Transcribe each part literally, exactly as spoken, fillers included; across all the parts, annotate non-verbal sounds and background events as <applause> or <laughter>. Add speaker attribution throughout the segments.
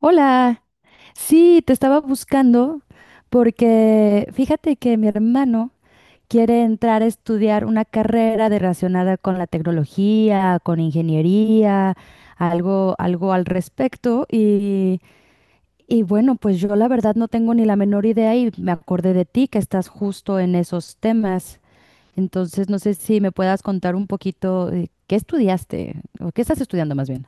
Speaker 1: Hola, sí, te estaba buscando porque fíjate que mi hermano quiere entrar a estudiar una carrera de- relacionada con la tecnología, con ingeniería, algo, algo al respecto y, y bueno, pues yo la verdad no tengo ni la menor idea y me acordé de ti que estás justo en esos temas. Entonces, no sé si me puedas contar un poquito eh, qué estudiaste o qué estás estudiando más bien.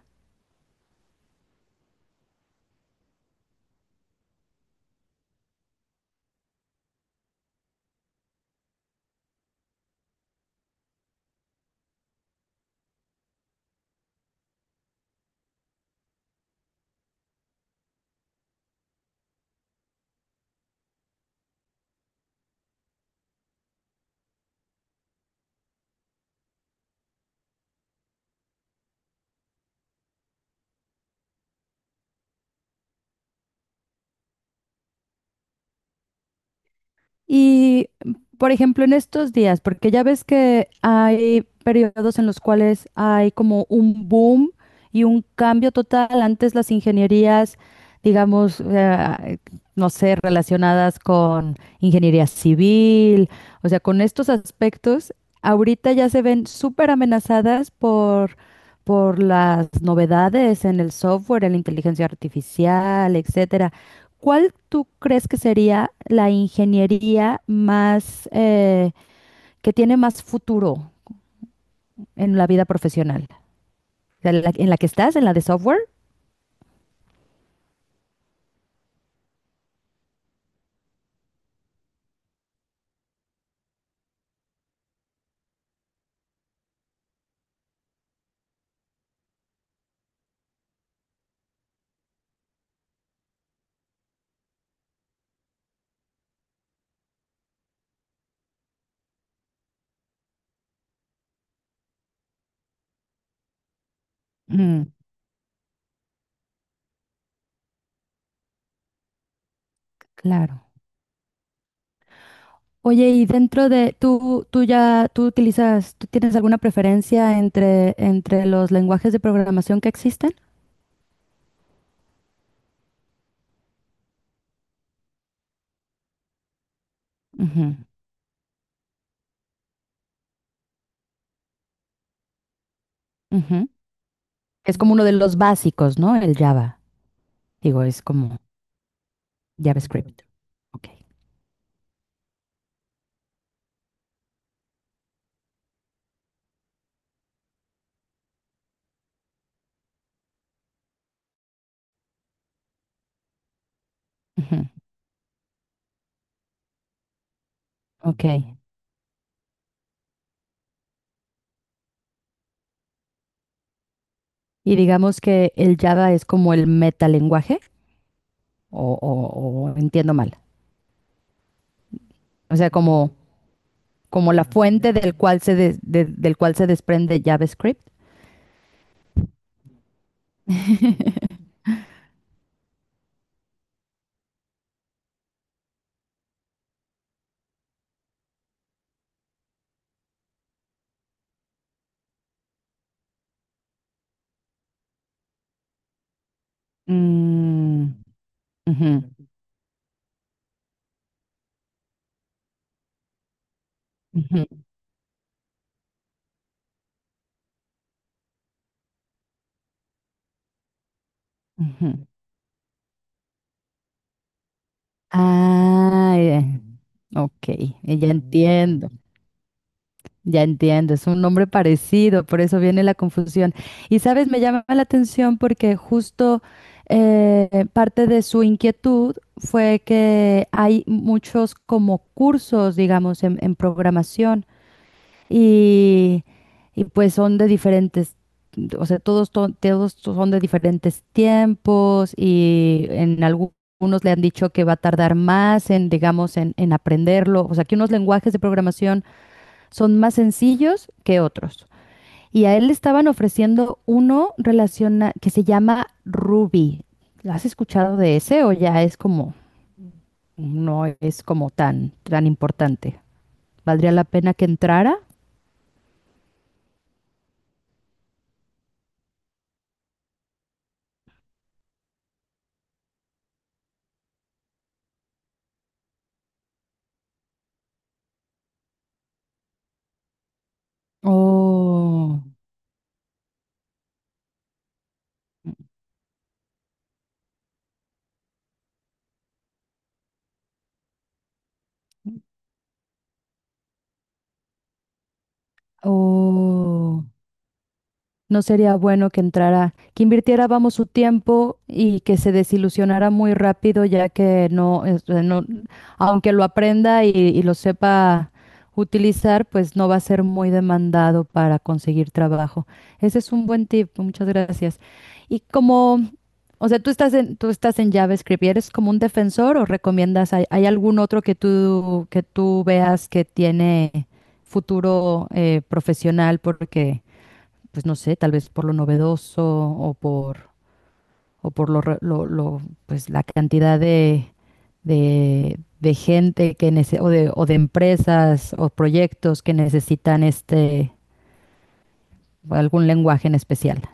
Speaker 1: Y, por ejemplo, en estos días, porque ya ves que hay periodos en los cuales hay como un boom y un cambio total. Antes las ingenierías, digamos, eh, no sé, relacionadas con ingeniería civil, o sea, con estos aspectos, ahorita ya se ven súper amenazadas por, por las novedades en el software, en la inteligencia artificial, etcétera. ¿Cuál tú crees que sería la ingeniería más eh, que tiene más futuro en la vida profesional? O sea, la- ¿En la que estás? ¿En la de software? Mm, claro. Oye, y dentro de tú, tú ya, tú utilizas, ¿tú tienes alguna preferencia entre, entre los lenguajes de programación que existen? Ujú, ujú. Es como uno de los básicos, ¿no? El Java. Digo, es como JavaScript. Ok. Ujú, ok. Y digamos que el Java es como el metalenguaje. O, o- o entiendo mal. O sea, como, como la fuente del cual se, des- de- del cual se desprende JavaScript. Mm, ujú, ujú, ujú. Ah, eh, ok, eh, ya entiendo. Ya entiendo, es un nombre parecido, por eso viene la confusión. Y sabes, me llama la atención porque justo eh, parte de su inquietud fue que hay muchos como cursos, digamos, en, en programación y, y pues son de diferentes, o sea, todos, to- todos son de diferentes tiempos y en algu- algunos le han dicho que va a tardar más en, digamos, en, en aprenderlo. O sea, que unos lenguajes de programación son más sencillos que otros. Y a él le estaban ofreciendo uno relaciona que se llama Ruby. ¿Has escuchado de ese o ya es como, no es como tan, tan importante? ¿Valdría la pena que entrara? Oh. Oh, no sería bueno que entrara, que invirtiera, vamos, su tiempo y que se desilusionara muy rápido, ya que no, este, no, aunque lo aprenda y, y lo sepa utilizar, pues no va a ser muy demandado para conseguir trabajo. Ese es un buen tip, muchas gracias. Y como o sea, tú estás en, tú estás en JavaScript y eres como un defensor o recomiendas, hay, hay algún otro que tú, que tú veas que tiene futuro eh, profesional porque, pues no sé, tal vez por lo novedoso o por, o por lo, re- lo- lo, pues la cantidad de, de, de gente que nece- o de, o de empresas o proyectos que necesitan este, algún lenguaje en especial.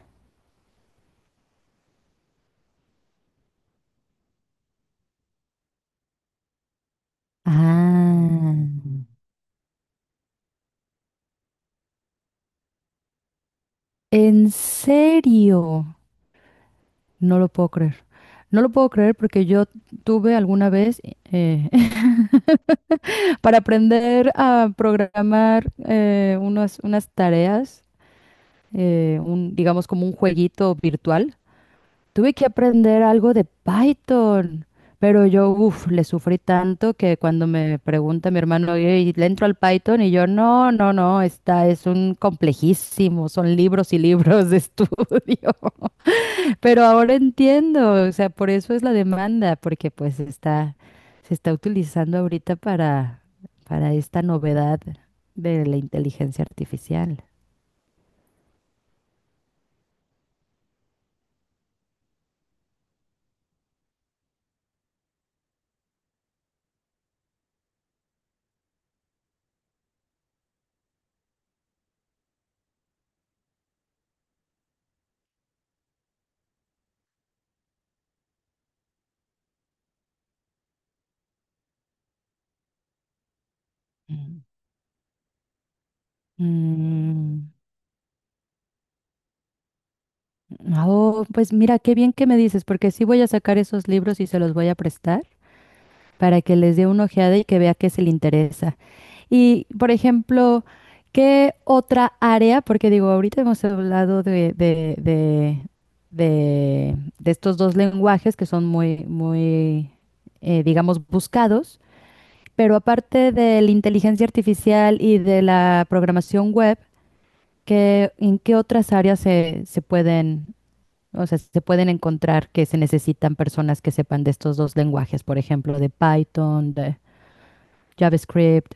Speaker 1: Ah, ¿en serio? No lo puedo creer. No lo puedo creer porque yo tuve alguna vez eh, <laughs> para aprender a programar eh, unas, unas tareas, eh, un, digamos como un jueguito virtual. Tuve que aprender algo de Python, pero yo, uff, le sufrí tanto que cuando me pregunta mi hermano, "Ey, ¿le entro al Python? Y yo, no, no, no, está, es un complejísimo, son libros y libros de <laughs> estudio. Pero ahora entiendo, o sea, por eso es la demanda, porque pues está, se está utilizando ahorita para, para esta novedad de la inteligencia artificial. Mm. Mm, oh, pues mira, qué bien que me dices, porque sí voy a sacar esos libros y se los voy a prestar para que les dé una ojeada y que vea qué se le interesa. Y, por ejemplo, ¿qué otra área? Porque digo, ahorita hemos hablado de, de, de, de, de estos dos lenguajes que son muy, muy, eh, digamos, buscados, pero aparte de la inteligencia artificial y de la programación web, ¿qué, en qué otras áreas se, se pueden, o sea, se pueden encontrar que se necesitan personas que sepan de estos dos lenguajes, por ejemplo, de Python, de JavaScript?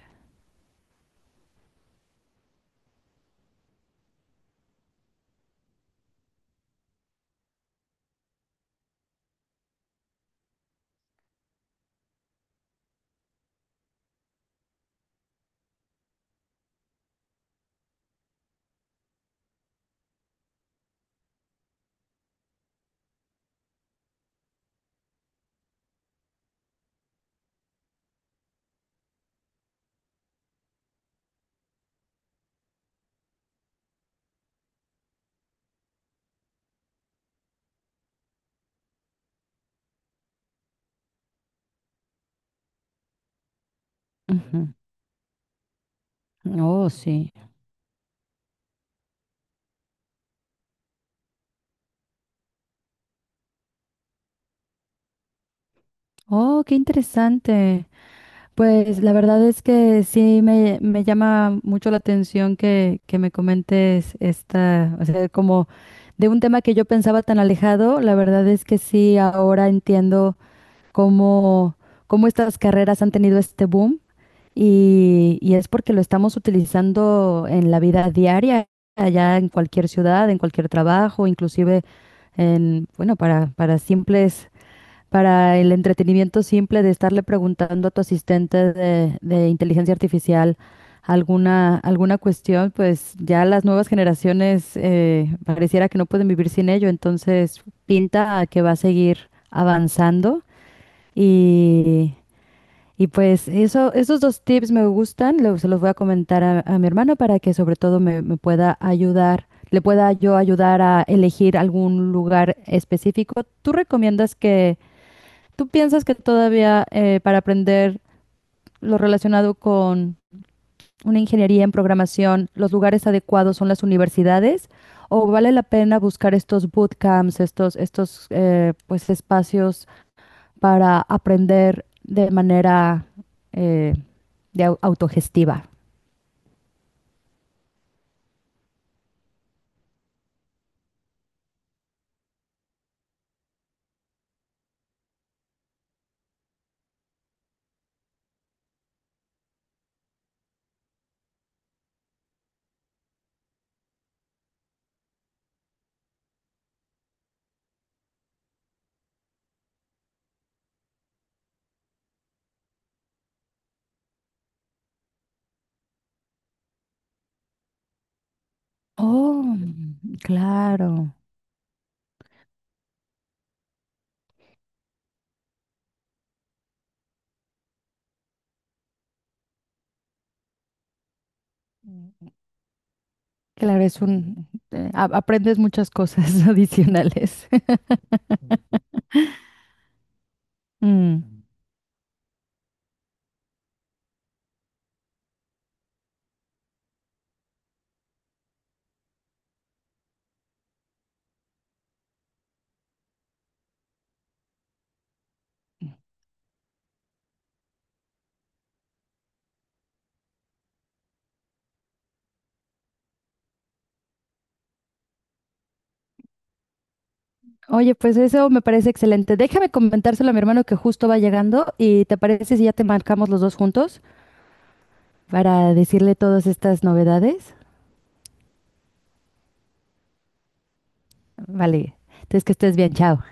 Speaker 1: Ujú. Oh, sí. Oh, qué interesante. Pues la verdad es que sí me, me llama mucho la atención que, que me comentes esta, o sea, como de un tema que yo pensaba tan alejado, la verdad es que sí ahora entiendo cómo, cómo estas carreras han tenido este boom y, y es porque lo estamos utilizando en la vida diaria, allá en cualquier ciudad, en cualquier trabajo, inclusive en, bueno, para, para simples para el entretenimiento simple de estarle preguntando a tu asistente de, de inteligencia artificial alguna, alguna cuestión, pues ya las nuevas generaciones eh, pareciera que no pueden vivir sin ello, entonces pinta a que va a seguir avanzando y, y pues eso, esos dos tips me gustan, lo- se los voy a comentar a, a mi hermano para que sobre todo me, me pueda ayudar. Le pueda yo ayudar a elegir algún lugar específico. ¿Tú recomiendas que, ¿Tú piensas que todavía eh, para aprender lo relacionado con una ingeniería en programación, los lugares adecuados son las universidades? ¿O vale la pena buscar estos bootcamps, estos, estos eh, pues, espacios para aprender de manera eh, de au- autogestiva? Oh, claro. Claro, es un... eh, a- aprendes muchas cosas <laughs> adicionales. <laughs> Mm. Oye, pues eso me parece excelente. Déjame comentárselo a mi hermano que justo va llegando y ¿te parece si ya te marcamos los dos juntos para decirle todas estas novedades? Vale, entonces que estés bien, chao.